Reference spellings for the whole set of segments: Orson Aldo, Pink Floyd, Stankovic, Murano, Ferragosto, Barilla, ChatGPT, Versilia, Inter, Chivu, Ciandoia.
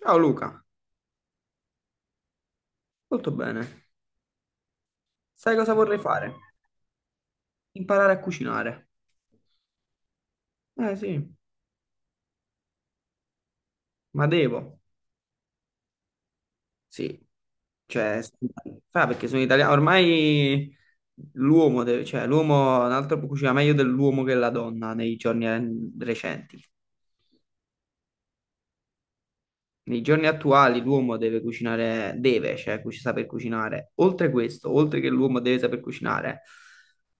Ciao Luca, molto bene. Sai cosa vorrei fare? Imparare a cucinare. Eh sì, ma devo. Sì, cioè, sa perché sono italiano. Ormai l'uomo deve, cioè l'uomo, un altro cucina meglio dell'uomo che la donna nei giorni recenti. Nei giorni attuali l'uomo deve cucinare, deve, cioè, saper cucinare. Oltre questo, oltre che l'uomo deve saper cucinare,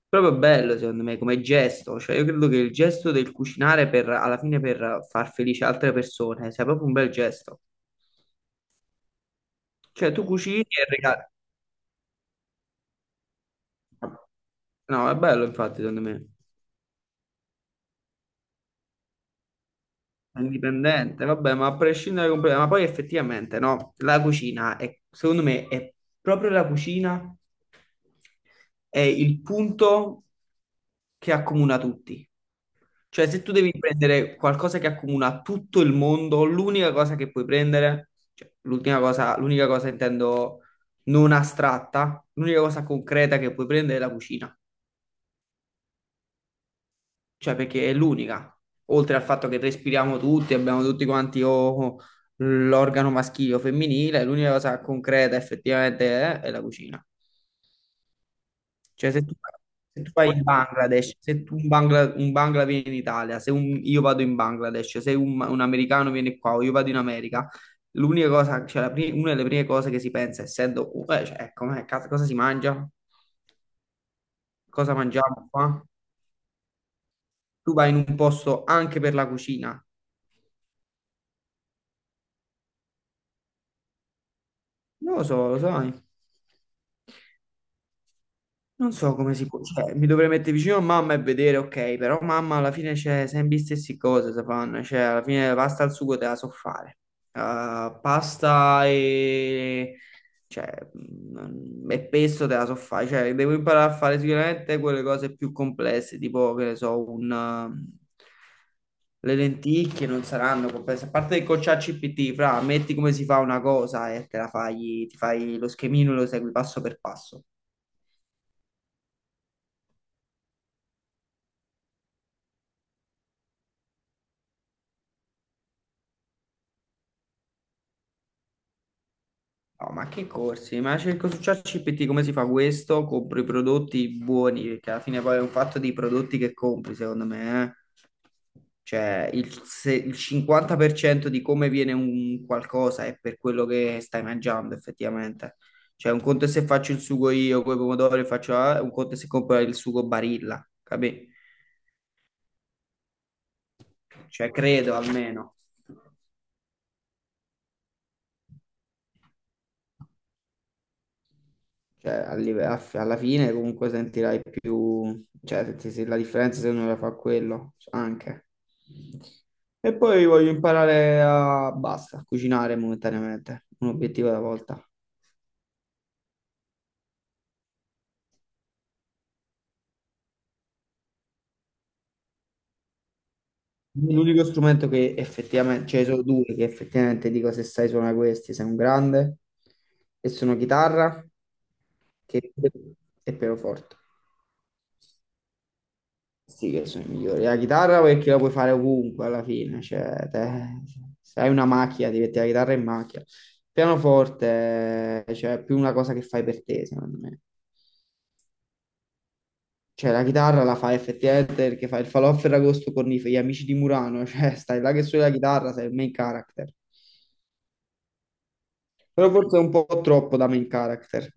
proprio bello secondo me come gesto, cioè io credo che il gesto del cucinare per, alla fine per far felice altre persone sia proprio un bel gesto. Cioè tu cucini e regali. No, è bello infatti secondo me. Indipendente, vabbè, ma a prescindere completamente, ma poi effettivamente no, la cucina è, secondo me, è proprio la cucina è il punto che accomuna tutti. Cioè, se tu devi prendere qualcosa che accomuna tutto il mondo, l'unica cosa che puoi prendere, cioè, l'ultima cosa, l'unica cosa intendo non astratta, l'unica cosa concreta che puoi prendere è la cucina, cioè perché è l'unica, oltre al fatto che respiriamo tutti, abbiamo tutti quanti o l'organo maschile o femminile, l'unica cosa concreta effettivamente è la cucina. Cioè se tu, se tu vai in Bangladesh, se tu un Bangla viene in Italia, se un- io vado in Bangladesh, se un americano viene qua o io vado in America, l'unica cosa, cioè una delle prime cose che si pensa, essendo, cioè, com'è, cazzo, cosa si mangia? Cosa mangiamo qua? Tu vai in un posto anche per la cucina. Non lo so, lo sai. Non so come si può, cioè, mi dovrei mettere vicino a mamma e vedere, ok, però mamma alla fine c'è sempre le stesse cose, si fanno, cioè alla fine la pasta al sugo te la so fare. Pasta e, cioè, e pesto te la so fare, cioè devo imparare a fare sicuramente quelle cose più complesse, tipo, che ne so, le lenticchie non saranno complesse, a parte il cocciacci PT, fra, metti come si fa una cosa e te la fai, ti fai lo schemino e lo segui passo per passo. No, ma che corsi? Ma cerco su ChatGPT come si fa questo? Compro i prodotti buoni, perché alla fine poi è un fatto dei prodotti che compri, secondo me. Cioè, il, se- il 50% di come viene un qualcosa è per quello che stai mangiando, effettivamente. Cioè, un conto è se faccio il sugo io con i pomodori, e faccio, ah, un conto è se compro il sugo Barilla, capì? Cioè, credo almeno. Cioè, alla fine comunque sentirai più, cioè, se la differenza se uno la fa quello, anche. E poi voglio imparare a, basta, a cucinare momentaneamente, un obiettivo alla volta. L'unico strumento che effettivamente, cioè sono due che effettivamente dico se sai suonare questi, sei un grande, e sono che- e pianoforte. Sì, che sono i migliori. La chitarra perché la puoi fare ovunque alla fine, se hai una macchina ti metti la chitarra in macchina. Il pianoforte, cioè è più una cosa che fai per te, secondo me. Cioè la chitarra la fai effettivamente perché fai il falò a Ferragosto con gli amici di Murano, cioè stai là che suoni la chitarra, sei il main character. Però forse è un po' troppo da main character.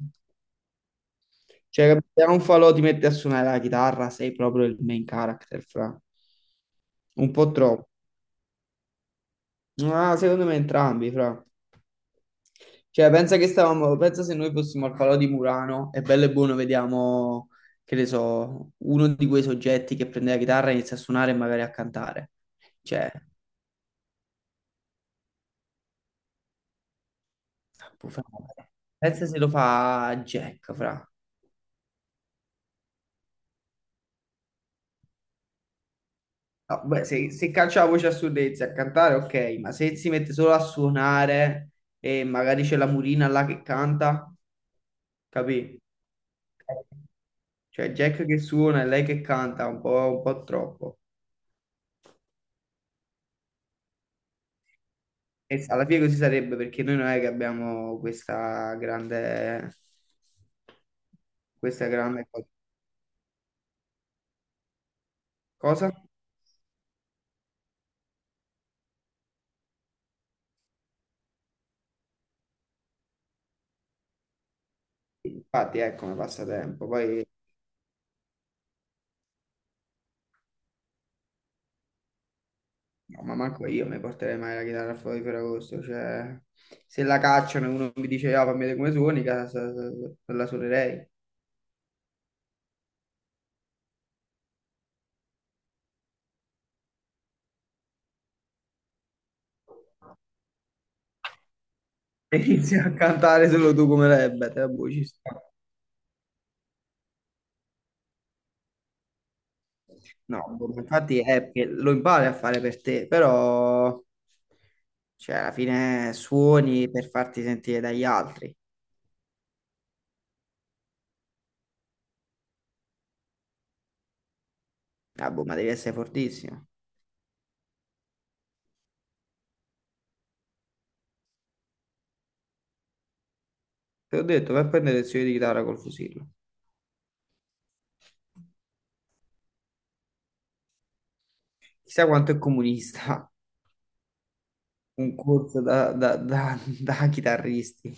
Cioè, se a un falò ti metti a suonare la chitarra, sei proprio il main character, fra. Un po' troppo. Ah, secondo me entrambi, fra. Cioè, pensa che stavamo, pensa se noi fossimo al Falò di Murano e bello e buono vediamo, che ne so, uno di quei soggetti che prende la chitarra e inizia a suonare e magari a cantare. Cioè, può fare una cosa, pensa se lo fa Jack, fra. No, beh, se caccia la voce assurda e inizia a cantare, ok, ma se si mette solo a suonare e magari c'è la Murina là che canta, capì? Cioè Jack che suona e lei che canta un po' troppo. E alla fine così sarebbe perché noi non è che abbiamo questa grande cosa. Infatti, ecco, mi passa tempo. Poi no, ma manco io mi porterei mai la chitarra fuori per agosto. Cioè, se la cacciano e uno mi dice, ah, fammi vedere come suoni, casa, la suonerei. E inizi a cantare solo tu come Rebbe, te la buci. No, infatti è che lo impari a fare per te, però cioè, alla fine suoni per farti sentire dagli altri. Ah, boh, ma devi essere fortissimo. Te l'ho detto, vai a prendere lezioni di chitarra col fusillo. Chissà quanto è comunista un corso da chitarristi.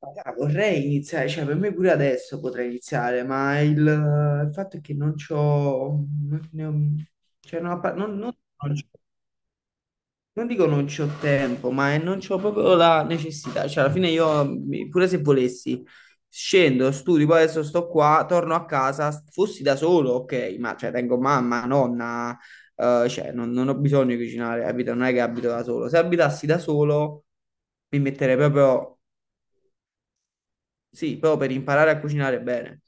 Ah, vorrei iniziare, cioè per me pure adesso potrei iniziare, ma il fatto è che non c'ho, non, ne ho- cioè non c'ho. Non dico non c'ho tempo, non c'ho proprio la necessità. Cioè, alla fine io, pure se volessi, scendo, studio, poi adesso sto qua, torno a casa, fossi da solo, ok, ma cioè, tengo mamma, nonna, cioè, non ho bisogno di cucinare, capito? Non è che abito da solo. Se abitassi da solo, mi metterei proprio, sì, però per imparare a cucinare bene.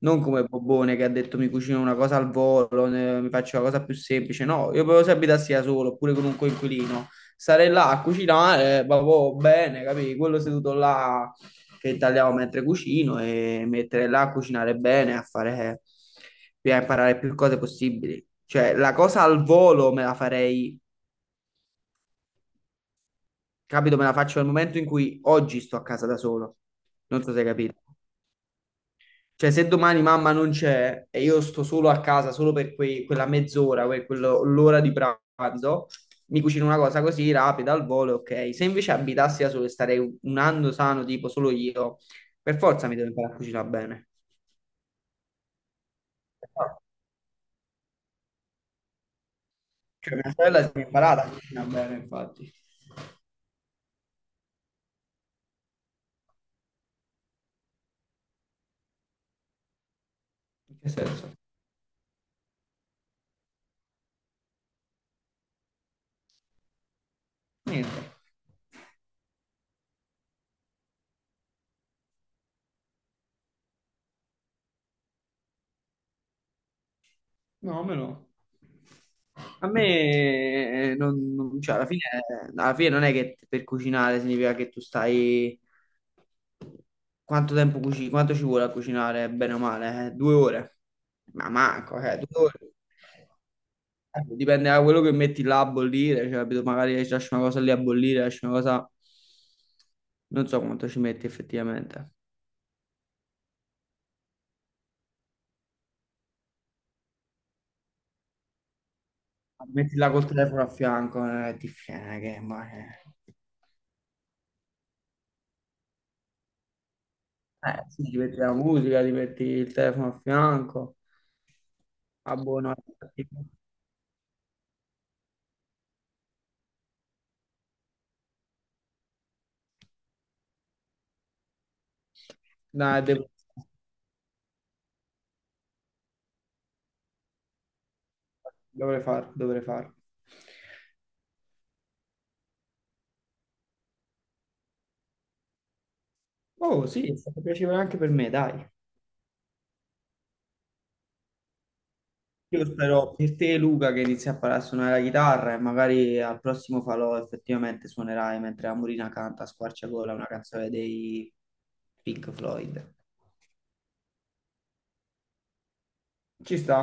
Non come Bobone che ha detto mi cucino una cosa al volo, mi faccio una cosa più semplice. No, io proprio se abitassi da solo oppure con un coinquilino, stare là a cucinare, proprio bene, capì? Quello seduto là che tagliavo mentre cucino e mettere là a cucinare bene, a fare, a imparare più cose possibili. Cioè, la cosa al volo me la farei, capito? Me la faccio nel momento in cui oggi sto a casa da solo. Non so se hai capito. Cioè, se domani mamma non c'è e io sto solo a casa, solo per quella mezz'ora, l'ora di pranzo, mi cucino una cosa così rapida al volo, ok. Se invece abitassi da solo e starei un anno sano, tipo solo io, per forza mi devo imparare a cucinare bene. Cioè, mia sorella si è imparata a cucinare bene, infatti. In che senso? Niente. No, a me no. A me cioè, alla fine non è che per cucinare significa che tu stai. Quanto tempo cucini? Quanto ci vuole a cucinare, bene o male? Due ore? Ma manco, due ore. Dipende da quello che metti là a bollire, cioè, capito? Magari ci lasci una cosa lì a bollire, lasci una cosa. Non so quanto ci metti effettivamente. Metti là col telefono a fianco, è difficile, che. Sì, ti metti la musica, ti metti il telefono a fianco. Ah, boh, no, dai, dovrei farlo, dovrei farlo. Oh, sì, è stato piacevole anche per me, dai. Io spero per te, Luca, che inizi a imparare a suonare la chitarra e magari al prossimo falò effettivamente suonerai mentre la Murina canta a squarciagola una canzone dei Pink Floyd. Ci sta?